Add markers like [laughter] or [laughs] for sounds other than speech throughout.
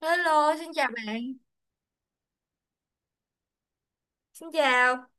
Hello, xin chào bạn. Xin chào.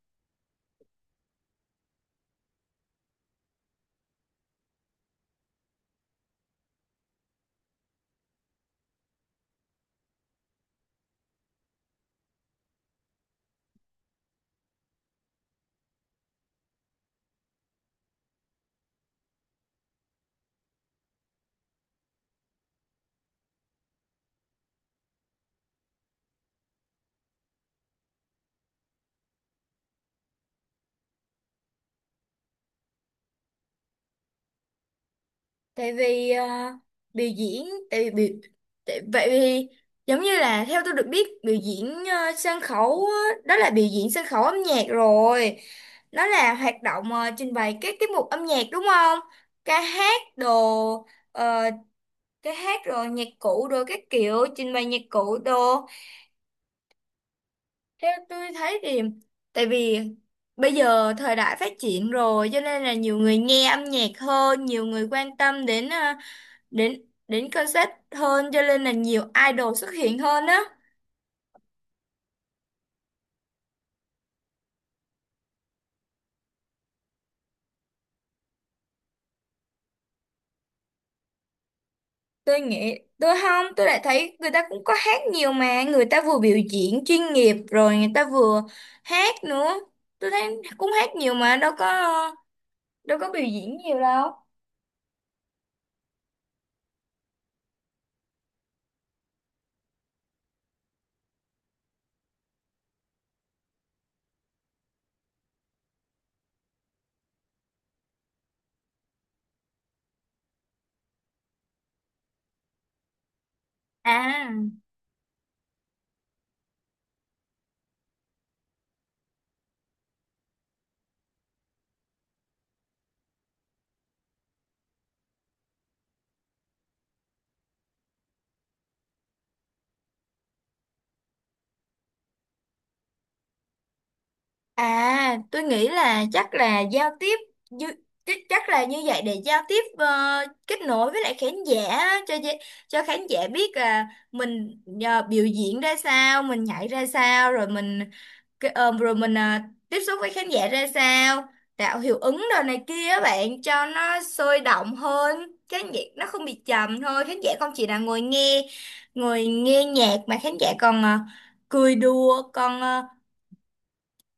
Tại vì biểu diễn, tại vì biểu, tại, vậy vì giống như là theo tôi được biết biểu diễn sân khấu á, đó là biểu diễn sân khấu âm nhạc rồi. Nó là hoạt động trình bày các tiết mục âm nhạc đúng không? Ca hát đồ, ờ, ca hát rồi nhạc cụ đồ các kiểu, trình bày nhạc cụ đồ. Theo tôi thấy thì tại vì bây giờ thời đại phát triển rồi cho nên là nhiều người nghe âm nhạc hơn, nhiều người quan tâm đến đến đến concert hơn cho nên là nhiều idol xuất hiện hơn á. Tôi nghĩ tôi không, tôi lại thấy người ta cũng có hát nhiều mà, người ta vừa biểu diễn chuyên nghiệp rồi người ta vừa hát nữa. Tôi thấy cũng hát nhiều mà đâu có biểu diễn nhiều đâu. À. À, tôi nghĩ là chắc là giao tiếp như chắc chắc là như vậy để giao tiếp kết nối với lại khán giả á, cho khán giả biết là mình biểu diễn ra sao, mình nhảy ra sao rồi rồi mình tiếp xúc với khán giả ra sao, tạo hiệu ứng đồ này kia á bạn cho nó sôi động hơn, khán giả nó không bị trầm thôi, khán giả không chỉ là ngồi nghe nhạc mà khán giả còn cười đùa còn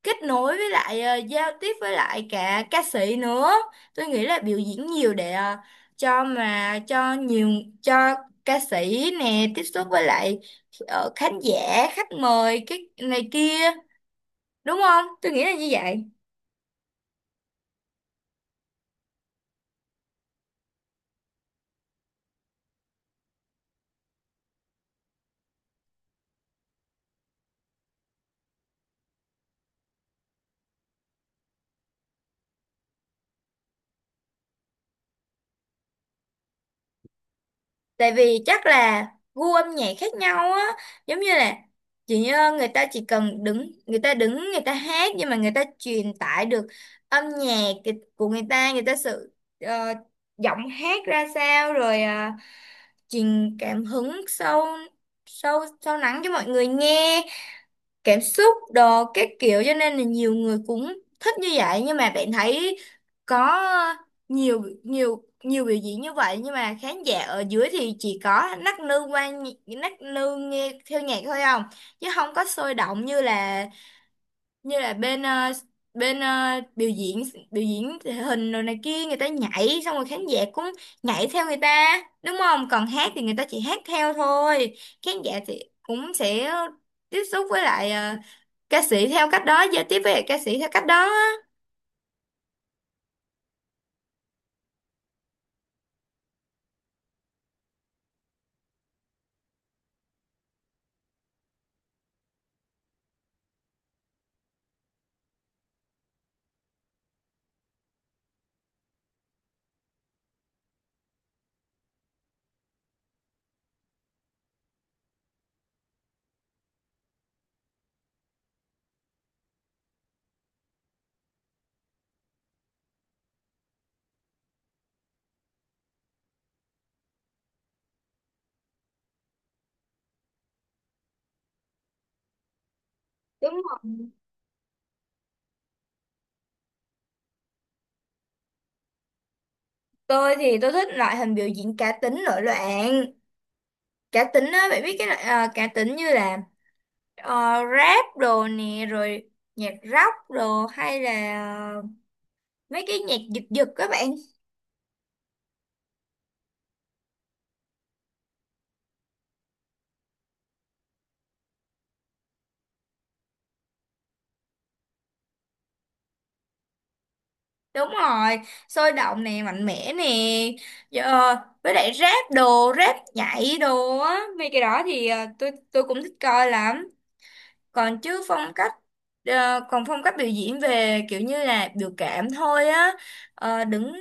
kết nối với lại giao tiếp với lại cả ca sĩ nữa. Tôi nghĩ là biểu diễn nhiều để cho mà cho nhiều cho ca sĩ nè tiếp xúc với lại khán giả khách mời cái này kia, đúng không, tôi nghĩ là như vậy. Tại vì chắc là gu âm nhạc khác nhau á, giống như là chỉ như người ta chỉ cần đứng, người ta hát nhưng mà người ta truyền tải được âm nhạc của người ta, ờ, giọng hát ra sao rồi truyền cảm hứng sâu sâu sâu lắng cho mọi người nghe cảm xúc đồ các kiểu, cho nên là nhiều người cũng thích như vậy. Nhưng mà bạn thấy có nhiều nhiều nhiều biểu diễn như vậy nhưng mà khán giả ở dưới thì chỉ có nắc nư nghe theo nhạc thôi không, chứ không có sôi động như là bên bên biểu diễn thể hình rồi này kia, người ta nhảy xong rồi khán giả cũng nhảy theo người ta đúng không, còn hát thì người ta chỉ hát theo thôi, khán giả thì cũng sẽ tiếp xúc với lại ca sĩ theo cách đó, giao tiếp với ca sĩ theo cách đó á. Đúng rồi. Tôi thì tôi thích loại hình biểu diễn cá tính nổi loạn. Cá tính á, bạn biết cái loại cá tính như là rap đồ nè, rồi nhạc rock đồ hay là ờ, mấy cái nhạc giật giật các bạn. Đúng rồi, sôi động nè, mạnh mẽ nè. Ờ, với lại rap đồ, rap nhảy đồ á, mấy cái đó thì tôi cũng thích coi lắm. còn chứ phong cách còn phong cách biểu diễn về kiểu như là biểu cảm thôi á, đứng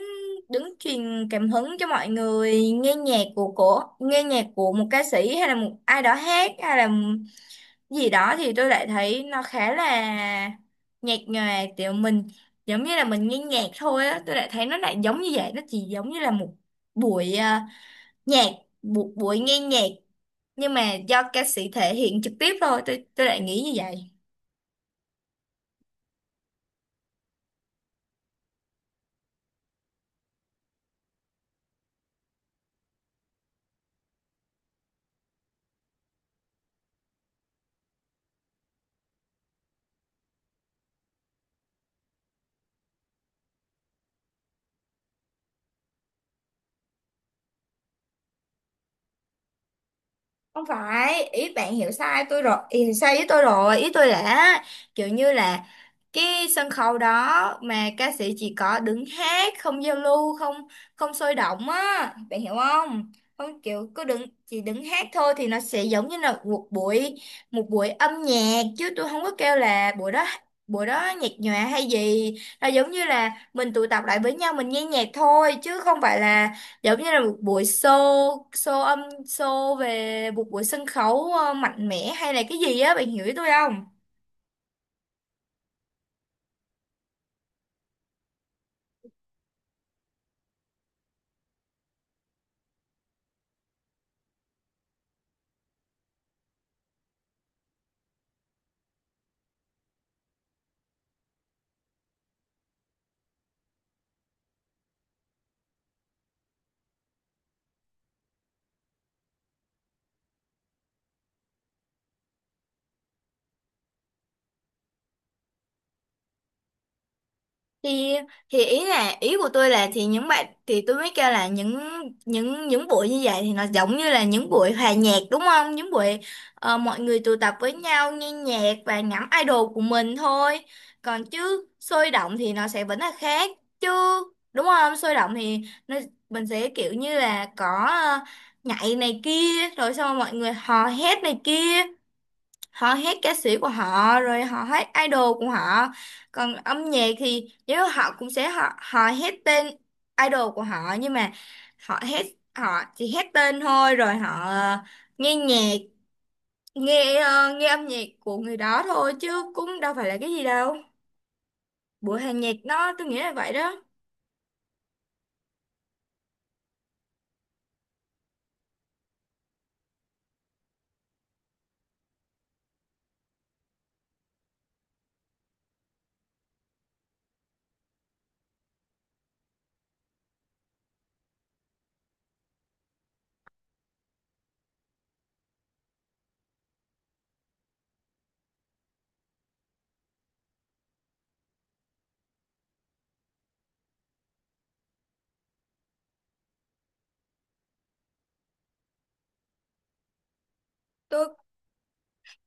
đứng truyền cảm hứng cho mọi người nghe nhạc của một ca sĩ hay là một ai đó hát hay là gì đó, thì tôi lại thấy nó khá là nhạt nhòa, kiểu mình giống như là mình nghe nhạc thôi á. Tôi lại thấy nó lại giống như vậy, nó chỉ giống như là một buổi ờ, nhạc một buổi nghe nhạc nhưng mà do ca sĩ thể hiện trực tiếp thôi, tôi lại nghĩ như vậy. Không phải, ý bạn hiểu sai tôi rồi, ý hiểu sai với tôi rồi, ý tôi là kiểu như là cái sân khấu đó mà ca sĩ chỉ có đứng hát, không giao lưu, không không sôi động á, bạn hiểu không, không kiểu cứ đứng chỉ đứng hát thôi thì nó sẽ giống như là một buổi âm nhạc, chứ tôi không có kêu là buổi đó nhạc nhòa hay gì, là giống như là mình tụ tập lại với nhau mình nghe nhạc thôi chứ không phải là giống như là một buổi show show âm show về một buổi sân khấu mạnh mẽ hay là cái gì á, bạn hiểu ý tôi không? Thì thì ý là ý của tôi là thì những bạn thì tôi mới kêu là những buổi như vậy thì nó giống như là những buổi hòa nhạc đúng không, những buổi mọi người tụ tập với nhau nghe nhạc và ngắm idol của mình thôi, còn chứ sôi động thì nó sẽ vẫn là khác chứ, đúng không, sôi động thì nó, mình sẽ kiểu như là có nhảy này kia rồi xong rồi mọi người hò hét này kia, họ hát ca sĩ của họ rồi họ hát idol của họ. Còn âm nhạc thì nếu họ cũng sẽ họ họ hát tên idol của họ nhưng mà họ hát họ chỉ hát tên thôi rồi họ nghe nhạc nghe âm nhạc của người đó thôi, chứ cũng đâu phải là cái gì đâu buổi hòa nhạc, nó tôi nghĩ là vậy đó. Tôi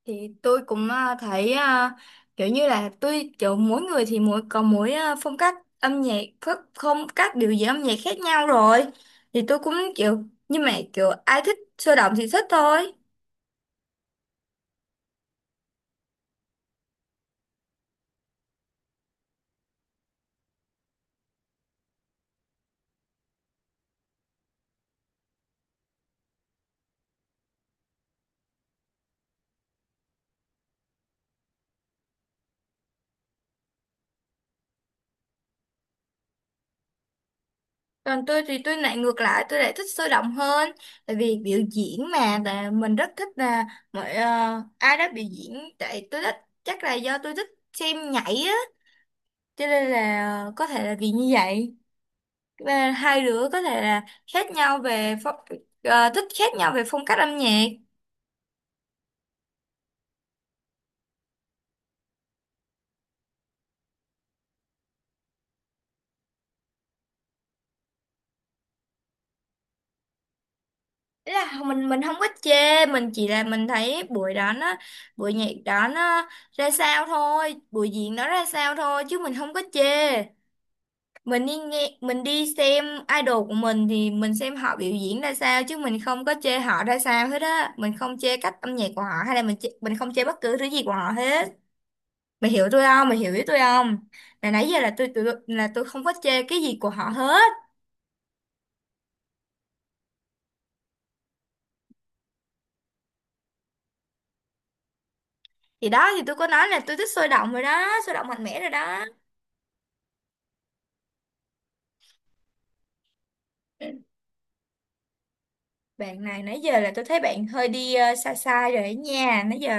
thì tôi cũng thấy kiểu như là tôi kiểu mỗi người thì mỗi có mỗi phong cách âm nhạc phong cách biểu diễn âm nhạc khác nhau rồi, thì tôi cũng kiểu, nhưng mà kiểu ai thích sôi động thì thích thôi. Còn tôi thì tôi lại ngược lại, tôi lại thích sôi động hơn, tại vì biểu diễn mà là mình rất thích là ai đó biểu diễn, tại tôi thích, chắc là do tôi thích xem nhảy á, cho nên là có thể là vì như vậy. Và hai đứa có thể là khác nhau về thích khác nhau về phong cách âm nhạc. Ý là mình không có chê, mình chỉ là mình thấy buổi đó nó buổi nhạc đó nó ra sao thôi, buổi diễn đó ra sao thôi, chứ mình không có chê. Mình đi nghe, mình đi xem idol của mình thì mình xem họ biểu diễn ra sao, chứ mình không có chê họ ra sao hết á, mình không chê cách âm nhạc của họ hay là mình chê, mình không chê bất cứ thứ gì của họ hết. Mày hiểu tôi không, mày hiểu ý tôi không, là nãy giờ là tôi không có chê cái gì của họ hết. Thì đó, thì tôi có nói là tôi thích sôi động rồi đó, sôi động mạnh mẽ rồi đó. Bạn này, nãy giờ là tôi thấy bạn hơi đi sai sai rồi đấy nha, nãy giờ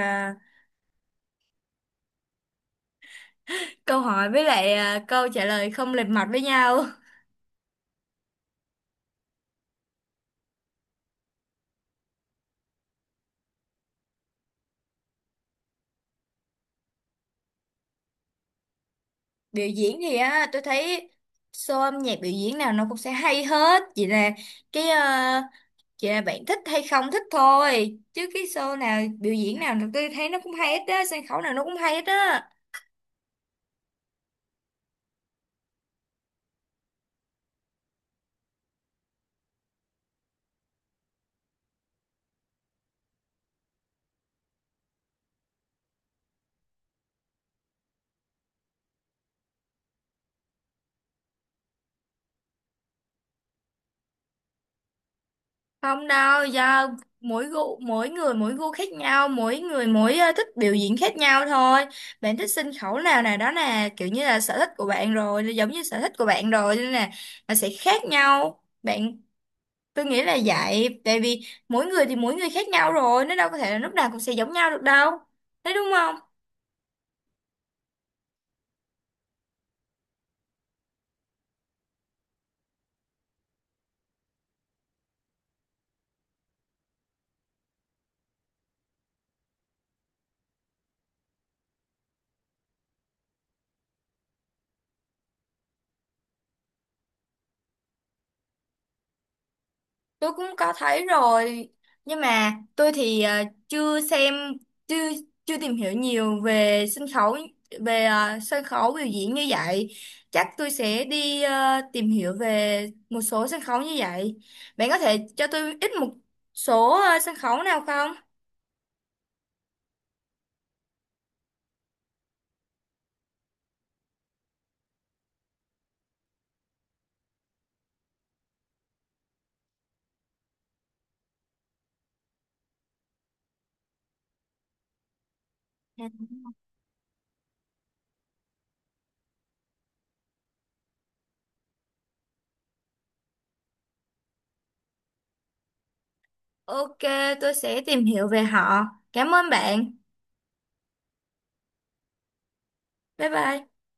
câu hỏi với lại câu trả lời không lệch mạch với nhau. [laughs] Biểu diễn thì á tôi thấy show âm nhạc biểu diễn nào nó cũng sẽ hay hết, chỉ là cái ờ, chỉ là bạn thích hay không thích thôi, chứ cái show nào biểu diễn nào tôi thấy nó cũng hay hết á, sân khấu nào nó cũng hay hết á. Không đâu, do mỗi gu, mỗi người mỗi gu khác nhau, mỗi người mỗi thích biểu diễn khác nhau thôi. Bạn thích sân khấu nào nào đó là kiểu như là sở thích của bạn rồi, giống như sở thích của bạn rồi nên là nó sẽ khác nhau. Tôi nghĩ là vậy, tại vì mỗi người thì mỗi người khác nhau rồi, nó đâu có thể là lúc nào cũng sẽ giống nhau được đâu. Thấy đúng không? Tôi cũng có thấy rồi, nhưng mà tôi thì chưa xem, chưa chưa tìm hiểu nhiều về sân khấu, về sân khấu biểu diễn như vậy. Chắc tôi sẽ đi tìm hiểu về một số sân khấu như vậy. Bạn có thể cho tôi ít một số sân khấu nào không? Ừ. OK, tôi sẽ tìm hiểu về họ. Cảm ơn bạn. Bye bye.